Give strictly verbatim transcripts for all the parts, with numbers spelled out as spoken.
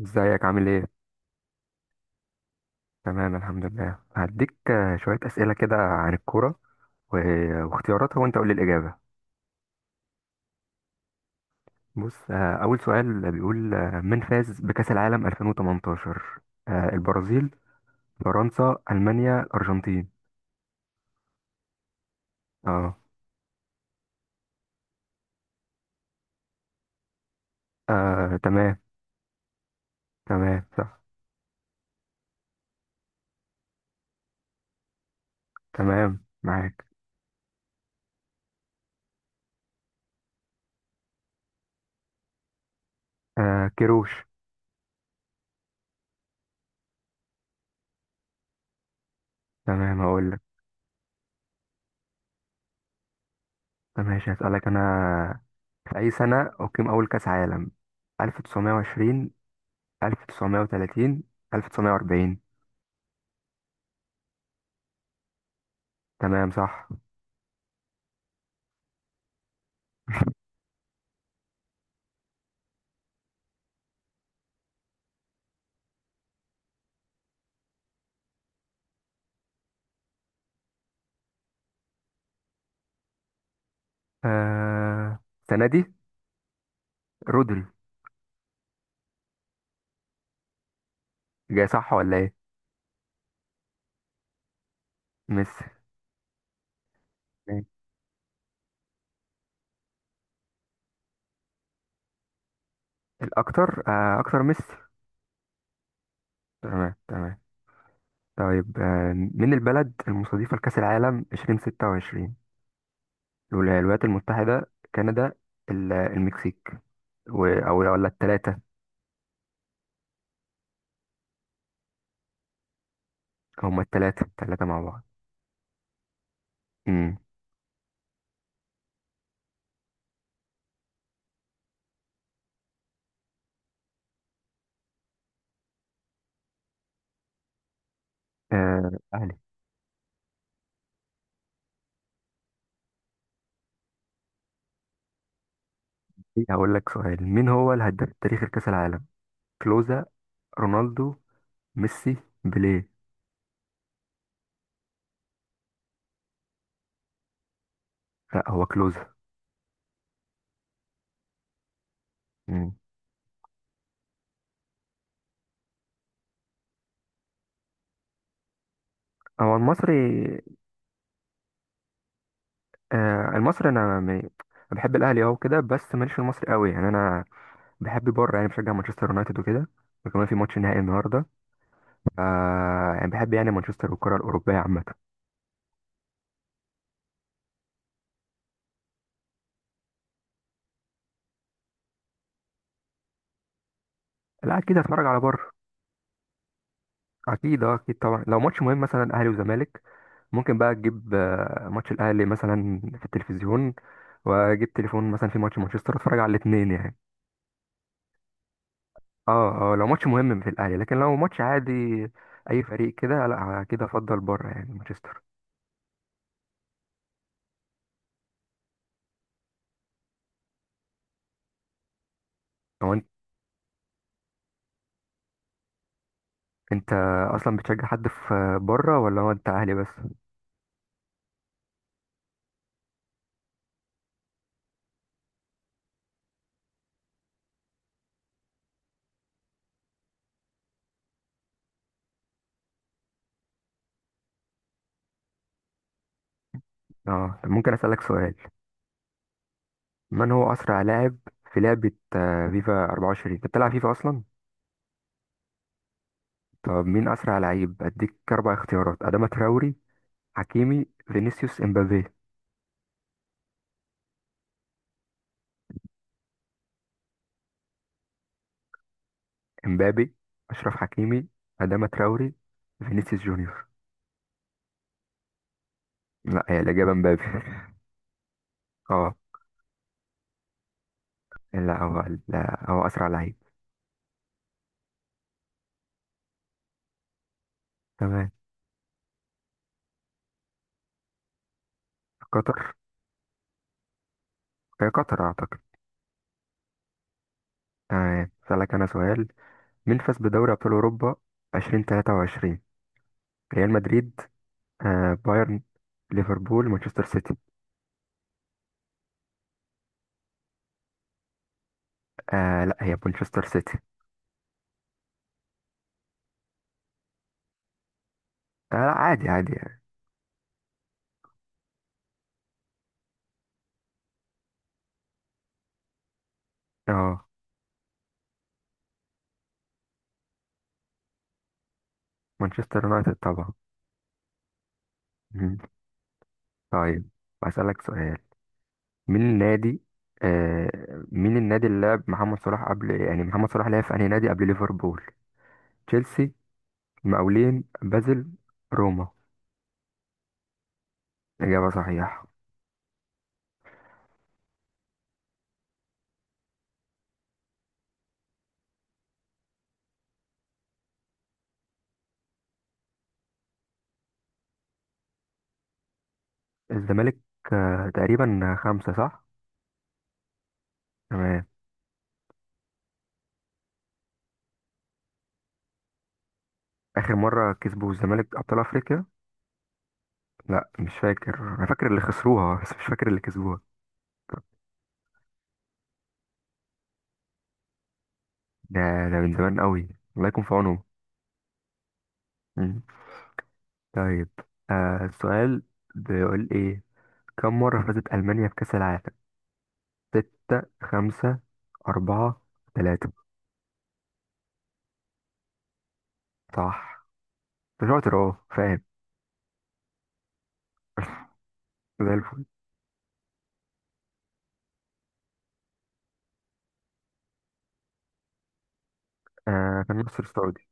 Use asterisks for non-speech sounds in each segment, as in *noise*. ازيك عامل ايه؟ تمام الحمد لله هديك، آه، شوية أسئلة كده عن الكورة، و- واختياراتها، وانت قول لي الإجابة. بص، آه، أول سؤال بيقول، آه، من فاز بكأس العالم ألفين وتمنتاشر؟ آه، البرازيل، فرنسا، ألمانيا، الأرجنتين؟ اه. آه، تمام. تمام صح. تمام معاك. آه، كيروش. تمام هقول لك. ماشي هسألك أنا. في أي سنة أقيم أول كأس عالم؟ ألف وتسعمائة وعشرون؟ ألف وتسعمائة وثلاثون؟ ألف وتسعمية واربعين؟ تمام صح. آه... السنة دي رودري. جاي صح ولا ايه؟ ميسي. ماشي. الأكتر آه... أكتر ميسي. تمام تمام. طيب، آه... من البلد المستضيفة لكأس العالم ألفين وستة وعشرين؟ الولا- الولايات المتحدة، كندا، ال- المكسيك، و... أو ولا التلاتة؟ هما التلاتة التلاتة مع بعض. امم. آه... أهلي. هقول لك سؤال. مين هو الهداف التاريخي لكأس العالم؟ كلوزا؟ رونالدو؟ ميسي؟ بيليه؟ لا هو كلوزا. مم. هو المصري. آه المصري، انا م- أنا بحب الاهلي، اه، وكده، بس ماليش في المصري قوي يعني، انا بحب بره، يعني بشجع مانشستر يونايتد وكده، وكمان في ماتش نهائي النهارده. آه يعني بحب يعني مانشستر والكره الاوروبيه عامه. لا اكيد هتفرج على بره. اكيد، اه، اكيد طبعا. لو ماتش مهم مثلا اهلي وزمالك، ممكن بقى تجيب، آه، ماتش الاهلي مثلا في التلفزيون، واجيب تليفون مثلا في ماتش مانشستر، اتفرج على الاثنين يعني. اه اه. لو ماتش مهم في الاهلي، لكن لو ماتش عادي اي فريق كده، لا كده افضل بره يعني مانشستر. هو انت اصلا بتشجع حد في بره، ولا هو انت اهلي بس؟ اه. طب ممكن اسالك سؤال؟ من هو اسرع لاعب في لعبه، آه، فيفا اربعة وعشرين؟ انت بتلعب فيفا اصلا؟ طب مين اسرع لعيب؟ اديك اربع اختيارات: اداما تراوري، حكيمي، فينيسيوس، امبابي؟ امبابي، اشرف حكيمي، اداما تراوري، فينيسيوس جونيور. لا هي الاجابه امبابي. *laughs* اه. لا هو لا هو اسرع لعيب. تمام. قطر. هي قطر اعتقد. تمام. اسالك انا سؤال. مين فاز بدوري أبطال أوروبا ألفين وتلاتة وعشرين، ريال مدريد؟ آه بايرن؟ ليفربول؟ مانشستر سيتي؟ آه لا هي مانشستر سيتي. آه لا، عادي عادي يعني. اه، مانشستر يونايتد طبعا. مم. طيب، بسألك سؤال. مين النادي آه مين النادي اللي لعب محمد صلاح قبل، يعني محمد صلاح لعب في أنهي نادي قبل ليفربول؟ تشيلسي؟ مقاولين بازل؟ روما؟ إجابة صحيحة. الزمالك، آه تقريبا خمسة صح؟ تمام. اخر مره كسبوا الزمالك ابطال افريقيا. لا مش فاكر، انا فاكر اللي خسروها بس مش فاكر اللي كسبوها. ده ده من زمان قوي، الله يكون في عونهم. مم. طيب، آه السؤال بيقول ايه؟ كم مره فازت المانيا بكاس العالم؟ ستة؟ خمسة؟ أربعة؟ ثلاثة؟ صح، أنت شاطر، أهو فاهم، زي الفل. آه في النصر السعودي.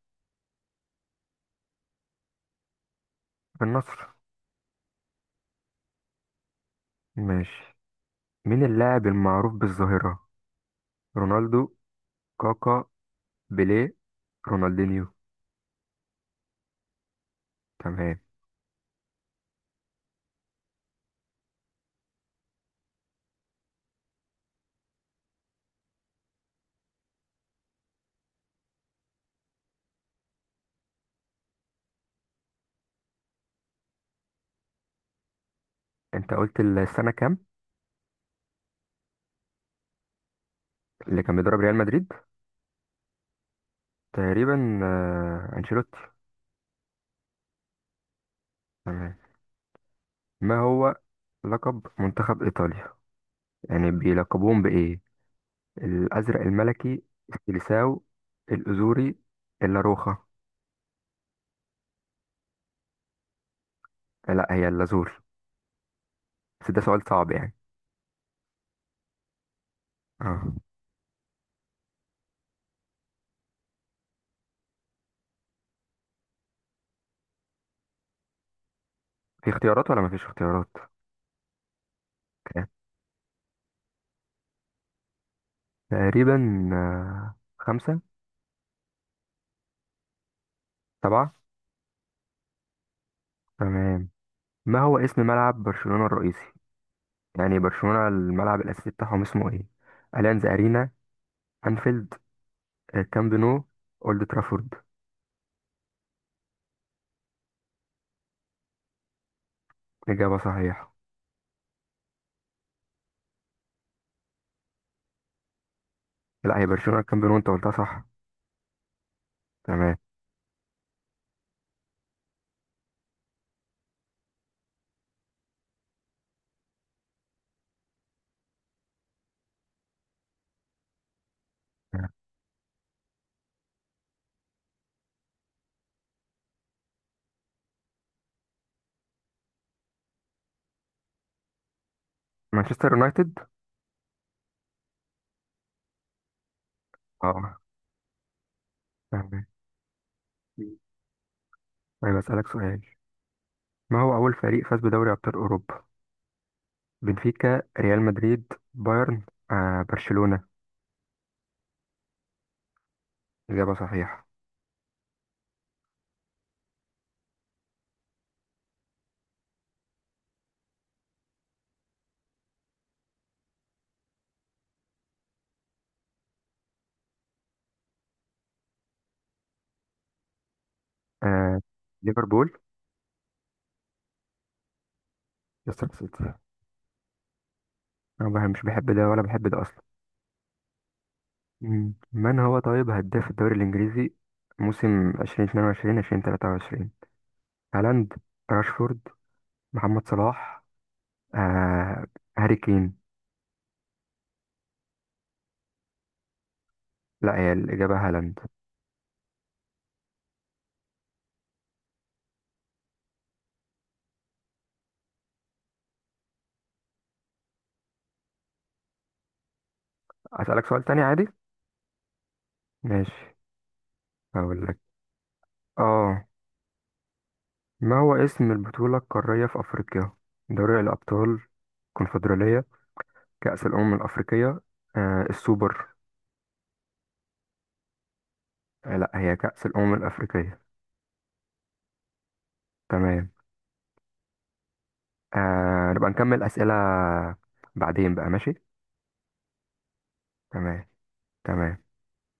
في النصر. ماشي. مين اللاعب المعروف بالظاهرة؟ رونالدو؟ كاكا؟ بيليه؟ رونالدينيو؟ تمام. انت قلت السنة كام؟ اللي كان بيدرب ريال مدريد. تقريبا آه، أنشيلوتي. تمام. ما هو لقب منتخب إيطاليا؟ يعني بيلقبوهم بإيه؟ الأزرق الملكي؟ السيليساو؟ الأزوري؟ اللاروخا؟ لا هي اللازوري. بس ده سؤال صعب يعني. اه. في اختيارات ولا مفيش اختيارات؟ اوكي. تقريبا آه، خمسة. سبعة. تمام. ما هو اسم ملعب برشلونة الرئيسي؟ يعني برشلونة الملعب الأساسي بتاعهم اسمه ايه؟ أليانز أرينا؟ أنفيلد؟ آه، كامب نو؟ اولد ترافورد؟ إجابة صحيحة. لا هي برشلونة الكامبيون، وأنت قلتها صح. تمام. مانشستر يونايتد. اه. تمام. طيب أسألك سؤال. ما هو أول فريق فاز بدوري أبطال أوروبا؟ بنفيكا؟ ريال مدريد؟ بايرن؟ آه برشلونة؟ إجابة صحيحة. آه ليفربول. ليستر سيتي. أنا بح- مش بحب ده ولا بحب ده أصلا. مم. من هو طيب هداف الدوري الإنجليزي موسم ألفين واتنين وعشرين ألفين وثلاثة وعشرون؟ هالاند؟ راشفورد؟ محمد صلاح؟ آه هاري كين؟ لا هي الإجابة هالاند. أسألك سؤال تاني عادي. ماشي. هقول لك. اه. ما هو اسم البطولة القارية في أفريقيا؟ دوري الأبطال؟ الكونفدرالية؟ كأس الأمم الأفريقية؟ آه السوبر؟ آه لا هي كأس الأمم الأفريقية. تمام. آه نبقى نكمل أسئلة بعدين بقى ماشي. تمام تمام.